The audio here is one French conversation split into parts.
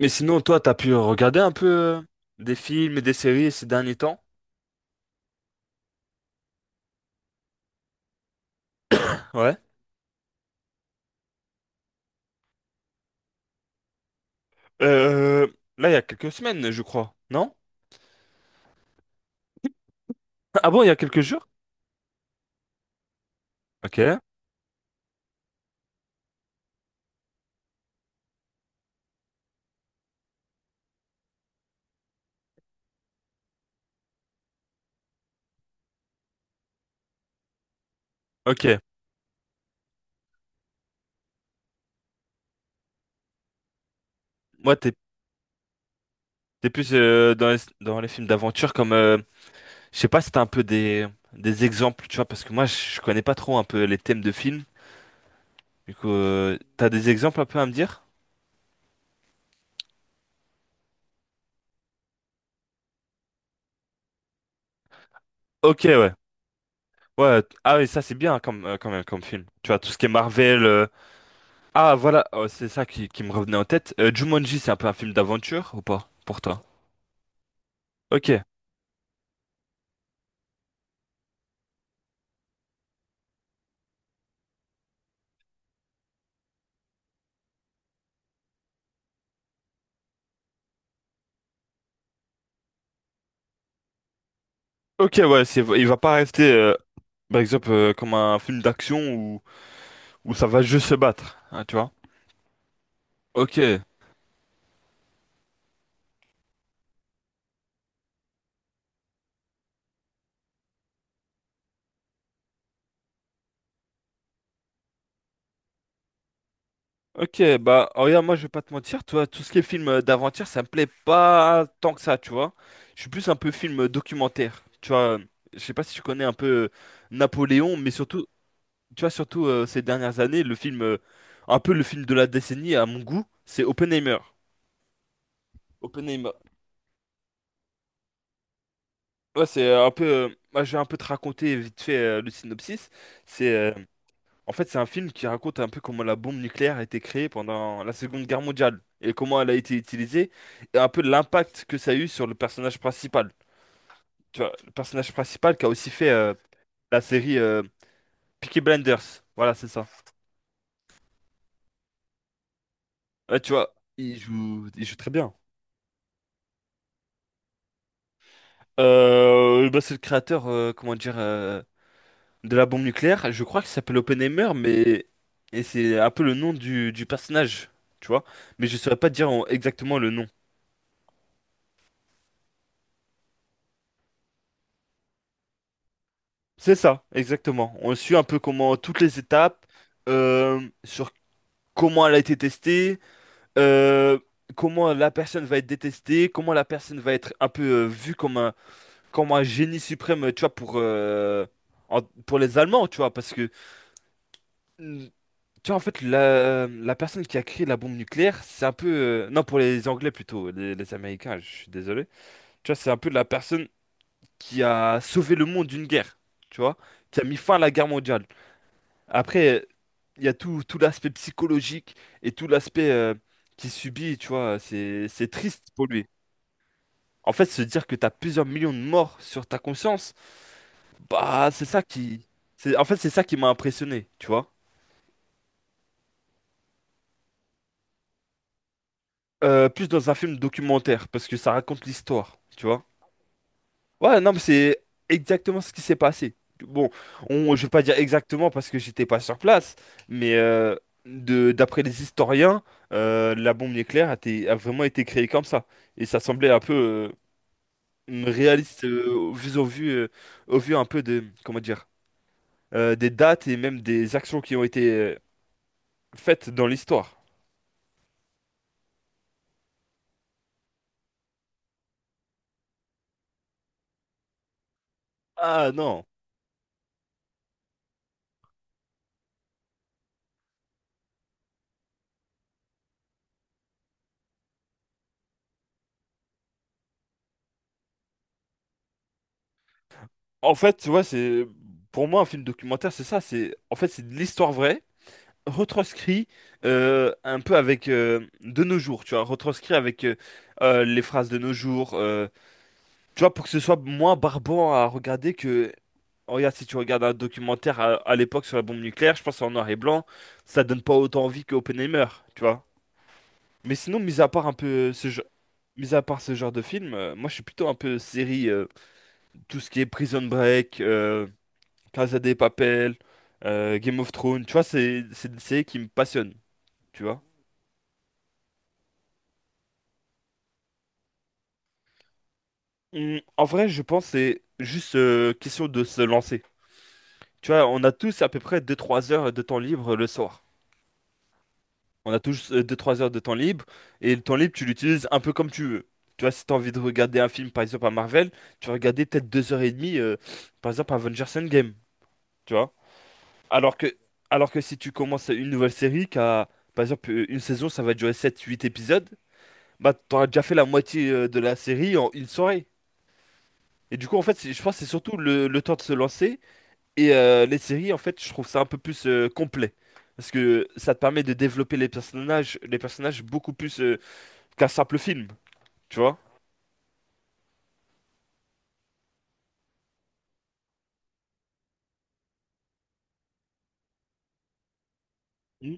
Mais sinon, toi, t'as pu regarder un peu des films et des séries ces derniers temps? Ouais. Euh, Là, il y a quelques semaines, je crois. Non? Ah bon, il y a quelques jours? Ok. Ok. Moi, t'es plus dans dans les films d'aventure. Je sais pas si t'as un peu des exemples, tu vois, parce que moi, je connais pas trop un peu les thèmes de films. Du coup, t'as des exemples un peu à me dire? Ok, ouais. Ouais. Ah oui, ça, c'est bien comme, quand même comme film. Tu vois, tout ce qui est Marvel. Ah voilà, oh, c'est ça qui me revenait en tête. Jumanji, c'est un peu un film d'aventure ou pas pour toi? Ok, ok, ouais, il va pas rester, par exemple, comme un film d'action où ça va juste se battre, hein, tu vois? Ok, ok, bah oh, regarde, moi je vais pas te mentir, toi, tout ce qui est film d'aventure, ça me plaît pas tant que ça, tu vois? Je suis plus un peu film documentaire, tu vois? Je sais pas si tu connais un peu Napoléon, mais surtout, tu vois, surtout ces dernières années, le film, un peu le film de la décennie à mon goût, c'est Oppenheimer. Oppenheimer. Ouais, c'est un peu, moi, je vais un peu te raconter vite fait le synopsis. C'est, euh, En fait, c'est un film qui raconte un peu comment la bombe nucléaire a été créée pendant la Seconde Guerre mondiale et comment elle a été utilisée, et un peu l'impact que ça a eu sur le personnage principal. Tu vois, le personnage principal qui a aussi fait la série Peaky Blinders. Voilà, c'est ça. Ouais, tu vois, il joue très bien. Bah, c'est le créateur, comment dire, de la bombe nucléaire. Je crois qu'il s'appelle Oppenheimer, mais et c'est un peu le nom du personnage, tu vois. Mais je saurais pas dire exactement le nom. C'est ça, exactement. On suit un peu comment toutes les étapes, sur comment elle a été testée, euh, comment la personne va être détestée, comment la personne va être un peu vue comme un, génie suprême, tu vois, pour, pour les Allemands, tu vois, parce que tu vois, en fait, la personne qui a créé la bombe nucléaire, c'est un peu. Non, pour les Anglais plutôt, les Américains, je suis désolé. Tu vois, c'est un peu la personne qui a sauvé le monde d'une guerre, tu vois, qui a mis fin à la guerre mondiale. Après, il y a tout tout l'aspect psychologique et tout l'aspect qu'il subit, tu vois, c'est triste pour lui. En fait, se dire que t'as plusieurs millions de morts sur ta conscience, bah, c'est ça qui... En fait, c'est ça qui m'a impressionné, tu vois. Plus dans un film documentaire, parce que ça raconte l'histoire, tu vois. Ouais, non, mais c'est exactement ce qui s'est passé. Bon, je vais pas dire exactement parce que j'étais pas sur place, mais d'après les historiens, la bombe nucléaire a vraiment été créée comme ça. Et ça semblait un peu réaliste au vu un peu comment dire, des dates et même des actions qui ont été faites dans l'histoire. Ah non. En fait, tu vois, c'est, pour moi, un film documentaire, c'est ça. C'est de l'histoire vraie, retranscrit un peu avec, de nos jours, tu vois, retranscrit avec les phrases de nos jours, tu vois, pour que ce soit moins barbant à regarder que. Oh, regarde, si tu regardes un documentaire à l'époque sur la bombe nucléaire, je pense en noir et blanc, ça donne pas autant envie que Oppenheimer, tu vois. Mais sinon, mis à part ce genre de film, moi je suis plutôt un peu série, tout ce qui est Prison Break, Casa de Papel, Game of Thrones, tu vois, c'est des séries qui me passionnent, tu vois. Hmm, en vrai, je pense que c'est juste question de se lancer. Tu vois, on a tous à peu près deux-trois heures de temps libre le soir. On a tous deux-trois heures de temps libre et le temps libre, tu l'utilises un peu comme tu veux. Tu vois, si tu as envie de regarder un film, par exemple à Marvel, tu vas regarder peut-être 2h30, par exemple Avengers Endgame. Tu vois? Alors que, alors que si tu commences une nouvelle série, qui a, par exemple une saison, ça va durer sept-huit épisodes, bah t'auras déjà fait la moitié de la série en une soirée. Et du coup, en fait, je pense que c'est surtout le temps de se lancer. Et les séries, en fait, je trouve ça un peu plus complet. Parce que ça te permet de développer les personnages beaucoup plus qu'un simple film, tu vois? Hmm.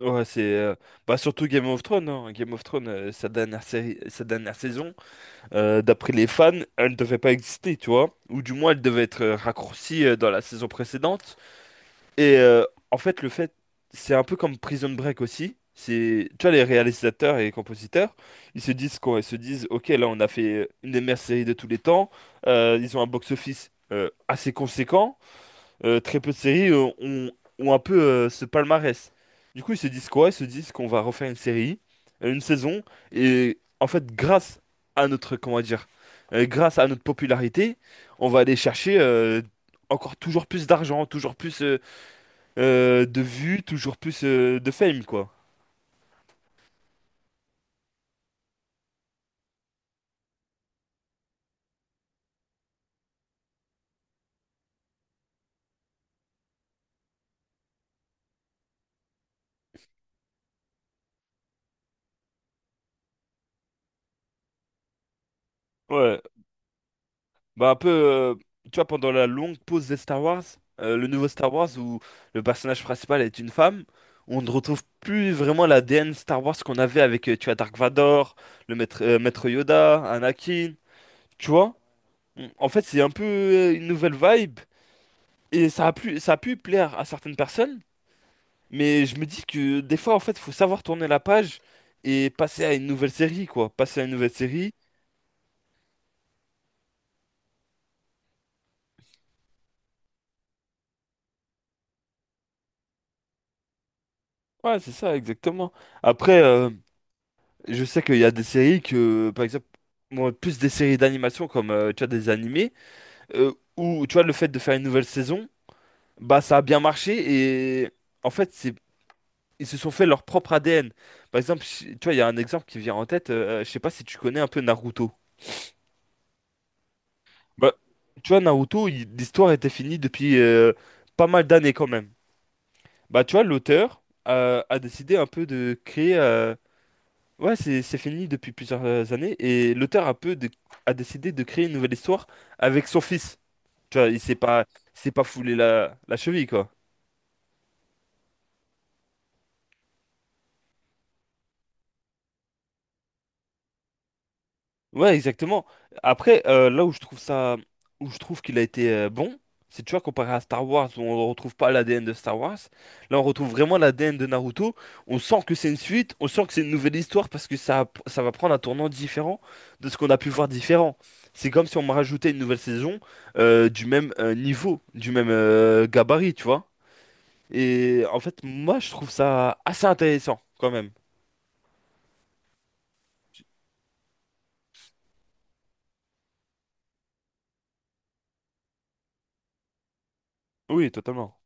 Ouais, c'est bah surtout Game of Thrones, hein. Game of Thrones, sa dernière série, sa dernière saison, d'après les fans, elle ne devait pas exister, tu vois? Ou du moins, elle devait être raccourcie dans la saison précédente. Et en fait, le fait, c'est un peu comme Prison Break aussi. C'est, tu vois, les réalisateurs et les compositeurs, ils se disent quoi? Ils se disent, ok, là, on a fait une des meilleures séries de tous les temps. Ils ont un box-office assez conséquent. Très peu de séries ont un peu ce palmarès. Du coup, ils se disent quoi? Ils se disent qu'on va refaire une série, une saison, et en fait, comment dire, grâce à notre popularité, on va aller chercher encore toujours plus d'argent, toujours plus, de vues, toujours plus de fame, quoi. Ouais, bah un peu, tu vois, pendant la longue pause des Star Wars, le nouveau Star Wars où le personnage principal est une femme, on ne retrouve plus vraiment la l'ADN Star Wars qu'on avait avec, tu vois, Dark Vador, le maître, Maître Yoda, Anakin, tu vois? En fait, c'est un peu une nouvelle vibe et ça a pu plaire à certaines personnes, mais je me dis que des fois, en fait, faut savoir tourner la page et passer à une nouvelle série, quoi. Passer à une nouvelle série. Ouais, c'est ça, exactement. Après, je sais qu'il y a des séries que, par exemple, moi, plus des séries d'animation comme, tu vois, des animés, où, tu vois, le fait de faire une nouvelle saison, bah, ça a bien marché et, en fait, c'est, ils se sont fait leur propre ADN. Par exemple, je- tu vois, il y a un exemple qui vient en tête, je sais pas si tu connais un peu Naruto. Bah, tu vois, Naruto, il- l'histoire était finie depuis, pas mal d'années quand même. Bah, tu vois, l'auteur, a décidé un peu de créer, Ouais, c'est fini depuis plusieurs années et l'auteur a peu de- a décidé de créer une nouvelle histoire avec son fils. Tu vois, il s'est pas foulé la, la cheville, quoi. Ouais, exactement. Après, là où je trouve ça, où je trouve qu'il a été bon, c'est, tu vois, comparé à Star Wars, où on ne retrouve pas l'ADN de Star Wars, là on retrouve vraiment l'ADN de Naruto. On sent que c'est une suite, on sent que c'est une nouvelle histoire parce que ça va prendre un tournant différent de ce qu'on a pu voir différent. C'est comme si on me rajoutait une nouvelle saison du même niveau, du même gabarit, tu vois. Et en fait, moi, je trouve ça assez intéressant quand même. Oui, totalement.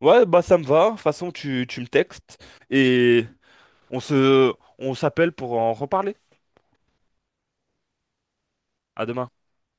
Ouais, bah ça me va. De toute façon, tu me textes et on se, on s'appelle pour en reparler. À demain.